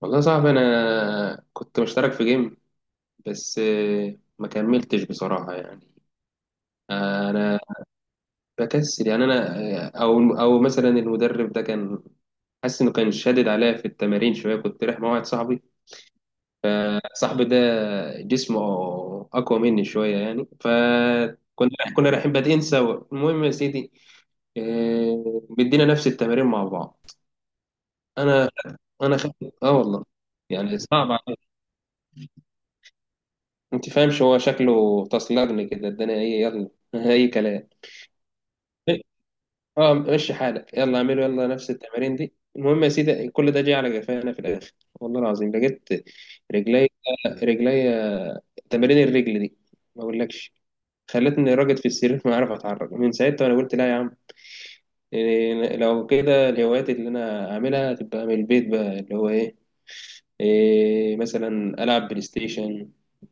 والله يا صاحبي انا كنت مشترك في جيم. بس ما كملتش بصراحة يعني. انا بكسل يعني. انا آه، او او مثلا المدرب ده كان حاسس انه كان شادد عليا في التمارين شوية. كنت رايح مع واحد صاحبي، صاحبي ده جسمه اقوى مني شوية يعني، فكنا رايحين بادئين سوا. المهم يا سيدي، بدينا نفس التمارين مع بعض. انا انا خ... اه والله، يعني صعب. انت فاهمش، هو شكله تصلجني كده الدنيا ايه، يلا اي كلام. اه مشي حالك، يلا اعمله، يلا نفس التمارين دي. المهم يا سيدي، كل ده جه على جفانا في الاخر، والله العظيم لقيت رجلي رجلي، تمارين الرجل دي ما اقولكش، خلتني راجد في السرير، ما اعرف اتحرك من ساعتها. وانا قلت لا يا عم، لو كده الهوايات اللي انا اعملها تبقى من البيت بقى، اللي هو ايه، إيه، مثلا ألعب بلاي ستيشن.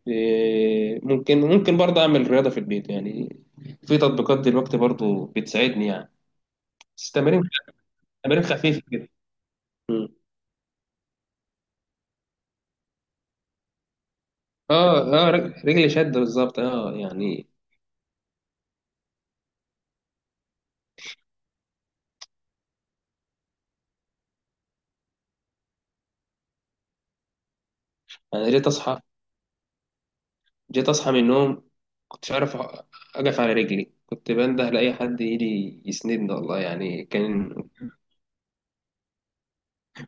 إيه، ممكن برضه أعمل رياضة في البيت يعني. في تطبيقات دلوقتي برضه بتساعدني يعني، بس تمارين، تمارين خفيفة كده. مم. اه، اه، رجلي شد بالظبط اه يعني. انا جيت اصحى من النوم، كنتش عارف اقف على رجلي. كنت بنده لاي حد يجي يسندني والله. يعني كان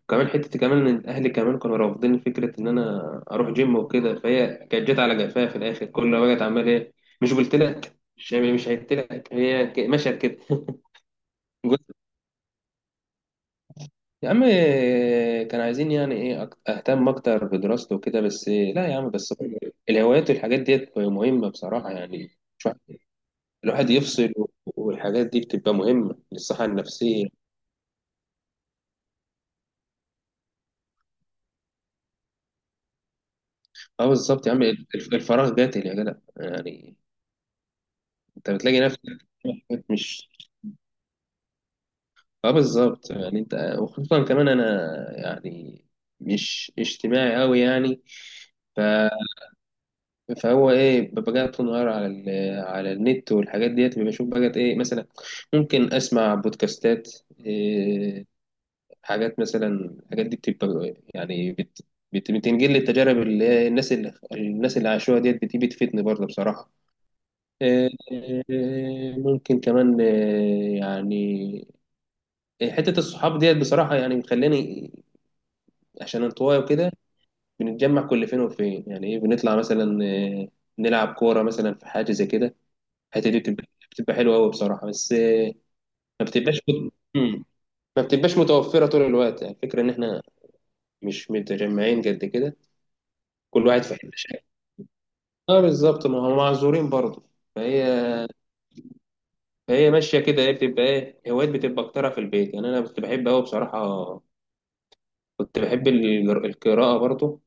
كمان حتة، كمان إن أهلي كمان كانوا رافضين فكرة إن أنا أروح جيم وكده، فهي كانت جت على جفاها في الآخر. كل ما بقت عمال إيه، مش قلت لك، مش يعني مش قلت لك، مشيت كده قلت يا عم، كان عايزين يعني إيه أهتم أكتر بدراسته وكده، بس لا يا عم، بس الهوايات والحاجات ديت مهمة بصراحة يعني. مش واحد- الواحد يفصل والحاجات دي بتبقى مهمة للصحة النفسية. اه بالظبط يا عم، الفراغ قاتل يا جدع يعني. انت بتلاقي نفسك، مش اه بالظبط يعني. انت وخصوصا كمان انا يعني مش اجتماعي قوي يعني. ف... فهو ايه، ببقى قاعد طول النهار على على النت والحاجات ديت. بشوف بقى ايه مثلا، ممكن اسمع بودكاستات، إيه، حاجات مثلا. الحاجات دي بتبقى يعني بتنقل لي التجارب، اللي هي الناس اللي الناس اللي عاشوها ديت، بتيجي بتفيدني برضه بصراحة. إيه، إيه، ممكن كمان إيه يعني، حتة الصحاب ديت بصراحة، يعني مخلاني عشان انطوائي وكده بنتجمع كل فين وفين. يعني ايه، بنطلع مثلا، نلعب كورة مثلا، في حاجة زي كده. الحتة دي بتبقى حلوة أوي بصراحة، بس ما بتبقاش مت... مم. ما بتبقاش متوفرة طول الوقت. يعني الفكرة إن إحنا مش متجمعين قد كده، كل واحد في حتة شكل. اه بالظبط، ما هم معذورين برضه. فهي فهي ماشية كده. هي بتبقى إيه، هوايات بتبقى أكترها في البيت يعني. أنا كنت بحب أوي بصراحة، كنت بحب القراءة برضه.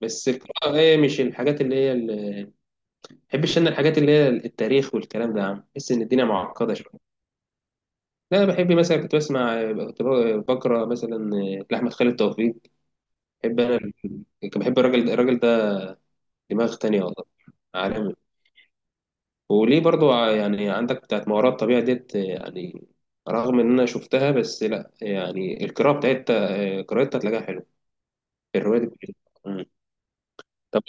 بس القراءة، هي مش الحاجات اللي هي، بحبش انا الحاجات اللي هي التاريخ والكلام ده يا عم، بحس ان الدنيا معقده شويه. لا أنا بحب مثلا، كنت بسمع، كنت بقرا مثلا لاحمد خالد توفيق. بحب انا، كنت بحب الراجل ده دماغ تانية والله، عالمي. وليه برضو يعني عندك بتاعت ما وراء الطبيعه ديت يعني رغم ان انا شفتها، بس لا يعني القراءه بتاعتها قراءتها هتلاقيها حلوه، الروايه دي بتاعتها. مم. طب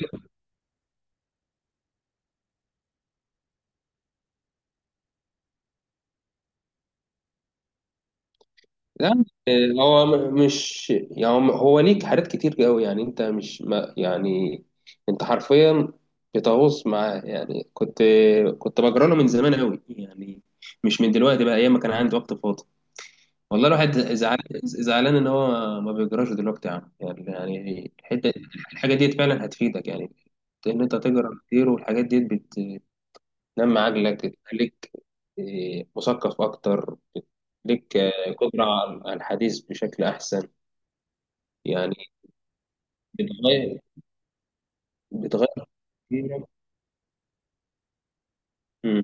لا هو مش يعني، هو هو ليك حاجات كتير قوي يعني. انت مش ما يعني، انت حرفيا بتغوص معاه يعني. كنت بجرى له من زمان قوي يعني، مش من دلوقتي بقى، ايام ما كان عندي وقت فاضي. والله الواحد زعلان، زعلان ان هو ما بيجراش دلوقتي يا عم. يعني يعني الحته، الحاجه ديت فعلا هتفيدك يعني، ان انت تجرا كتير. والحاجات ديت بتنمي عقلك، تخليك مثقف اكتر، ليك قدره على على الحديث بشكل احسن يعني. بتغير بتغير كتير. مم.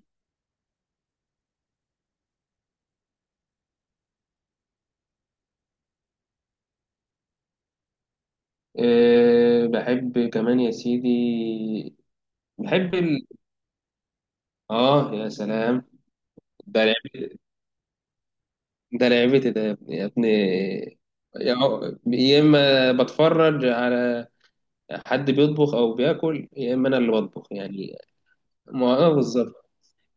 أه بحب كمان يا سيدي، بحب اه يا سلام، ده لعب... ده لعبتي ده يا ابني. يا يا اما بتفرج على حد بيطبخ او بياكل، يا اما انا اللي بطبخ يعني. ما اه بالظبط،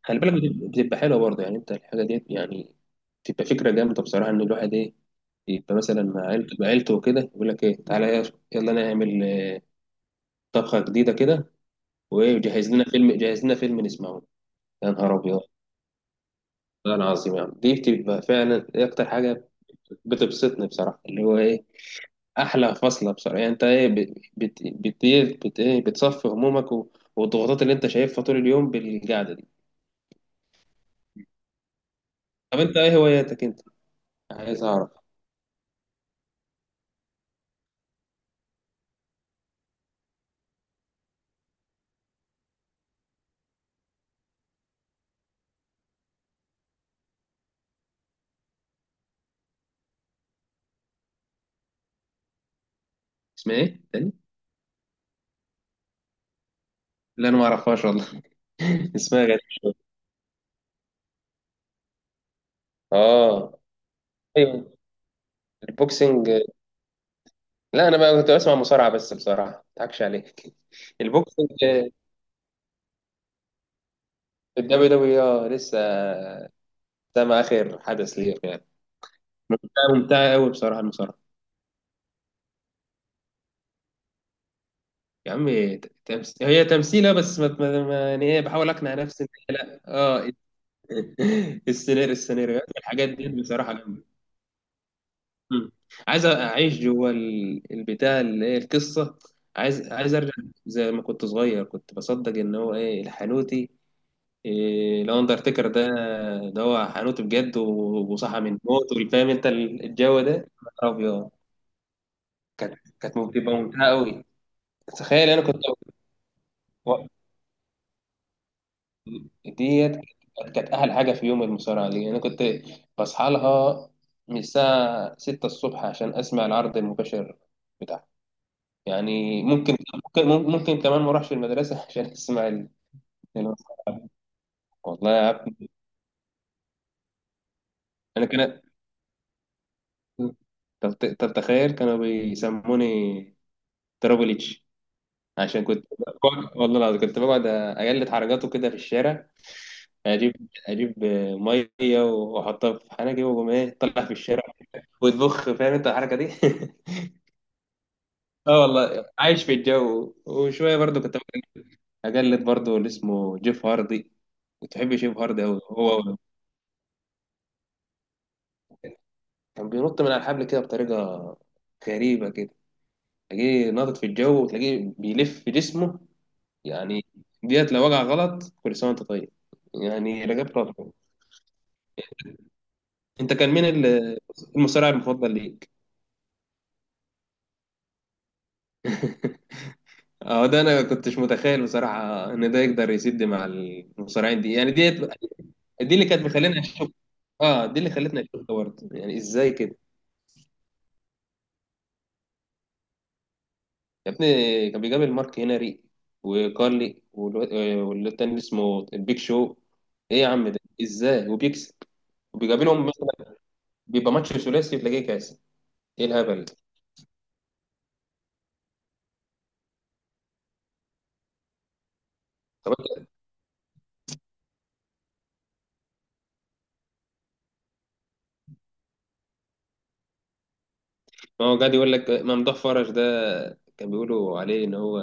خلي بالك، بتبقى حلوه برضه يعني. انت الحاجه دي يعني بتبقى فكره جامده بصراحه، ان الواحد ايه يبقى مثلا مع عيلته، وكده يقول لك ايه، تعالى يلا نعمل طبخه جديده كده وايه، وجهز لنا فيلم جهز لنا فيلم نسمعه. يا نهار ابيض، والله العظيم يا عم دي بتبقى فعلا إيه اكتر حاجه بتبسطني بصراحه، اللي هو ايه، احلى فصله بصراحه يعني. انت ايه بت بت بت إيه بت ايه بتصفي همومك والضغوطات اللي انت شايفها طول اليوم بالقعده دي. طب انت ايه هواياتك انت، عايز اعرف. اسمها ايه تاني؟ لا انا ما اعرفهاش والله. اسمها غريب. اه. ايوه، البوكسنج. لا انا بقى كنت بسمع مصارعه بس، بصراحه ما اضحكش عليك البوكسنج، الدبليو دبليو لسه سامع آخر حدث ليه يعني. لا، ممتعة أوي بصراحة المصارعة. يا عم هي تمثيلة، بس ما... ما... ما... يعني إيه، بحاول أقنع نفسي إن هي لا آه. السيناريوهات والحاجات دي بصراحة جامدة. مم. عايز أعيش جوه البتاع اللي هي القصة، عايز، عايز أرجع زي ما كنت صغير. كنت بصدق إن هو إيه، الحانوتي، إيه، الأندرتيكر ده، ده هو حانوتي بجد وصحى من الموت. والفاهم أنت الجو ده، يا نهار أبيض. كانت كانت بتبقى ممتعة أوي. تخيل انا كنت و- ديت كانت، كانت احلى حاجه. في يوم المصارعه دي انا كنت بصحى لها من الساعه 6 الصبح عشان اسمع العرض المباشر بتاعها. يعني ممكن، ممكن، ممكن كمان ما اروحش المدرسه عشان اسمع ال- والله يا عبد انا كان، طب، طب تخيل كانوا بيسموني ترابل اتش. عشان كنت بقعد، والله العظيم كنت بقعد اجلد حركاته كده في الشارع، اجيب اجيب ميه واحطها في حنكي واقوم ايه، طلع في الشارع وتبخ، فاهم انت الحركه دي اه والله عايش في الجو. وشويه برضو كنت اقلد برضو اللي اسمه جيف هاردي، كنت بحب جيف هاردي قوي. هو كان بينط من على الحبل كده بطريقه غريبه كده، تلاقيه ناطط في الجو وتلاقيه بيلف في جسمه يعني. ديت لو وقع غلط كل سنه وانت طيب، يعني رجعت راسه. انت كان مين المصارع المفضل ليك؟ اه ده انا كنتش متخيل بصراحه ان ده يقدر يسد مع المصارعين دي يعني. ديت دي اللي كانت مخلينا، اه دي اللي خلتني اشوف ده برضه يعني، ازاي كده. يا ابني كان بيقابل مارك هنري وكارلي واللي التاني اسمه البيك شو. ايه يا عم ده ازاي وبيكسب، وبيقابلهم مثلا، بيبقى ماتش ثلاثي تلاقيه كاس. ايه الهبل ده. طب أنت- ما هو قاعد يقول لك ممدوح فرج ده، كان بيقولوا عليه ان هو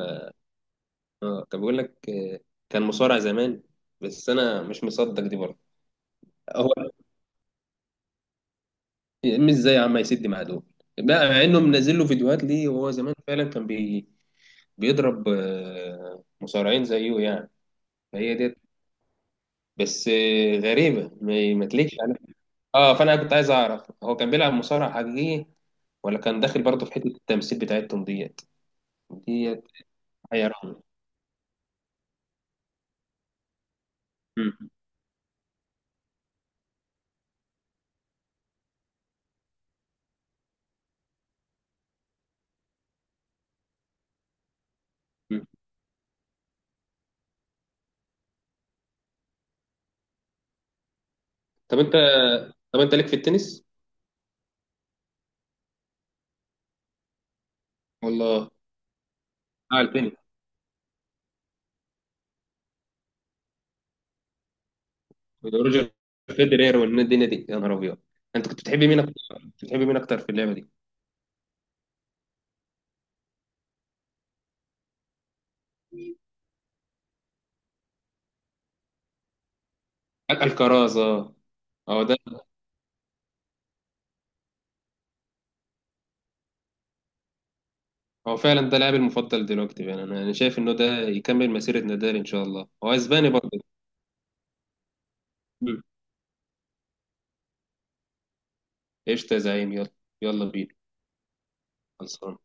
كان بيقول لك كان مصارع زمان. بس انا مش مصدق دي برضه. هو مش ازاي يا عم يسد مع دول بقى، مع انه منزل له فيديوهات ليه، وهو زمان فعلا كان بي بيضرب مصارعين زيه يعني. فهي ديت بس غريبة، ما تليقش عليه. اه فانا كنت عايز اعرف هو كان بيلعب مصارع حقيقي، ولا كان داخل برضه في حتة التمثيل بتاعتهم ديت. ديت حيران. مم. مم. طب انت طب انت ليك في التنس ولا؟ اه التنس، روجر فيدرير والدنيا دي، يا نهار ابيض. انت كنت بتحبي مين اكتر، كنت بتحبي مين اكتر في اللعبة دي؟ الكرازة، اه ده هو فعلا ده لاعبي المفضل دلوقتي يعني. أنا شايف انه ده يكمل مسيرة نادال ان شاء الله، هو اسباني برضه. مم. قشطة يا زعيم، يلا. يلا بينا. خلصان.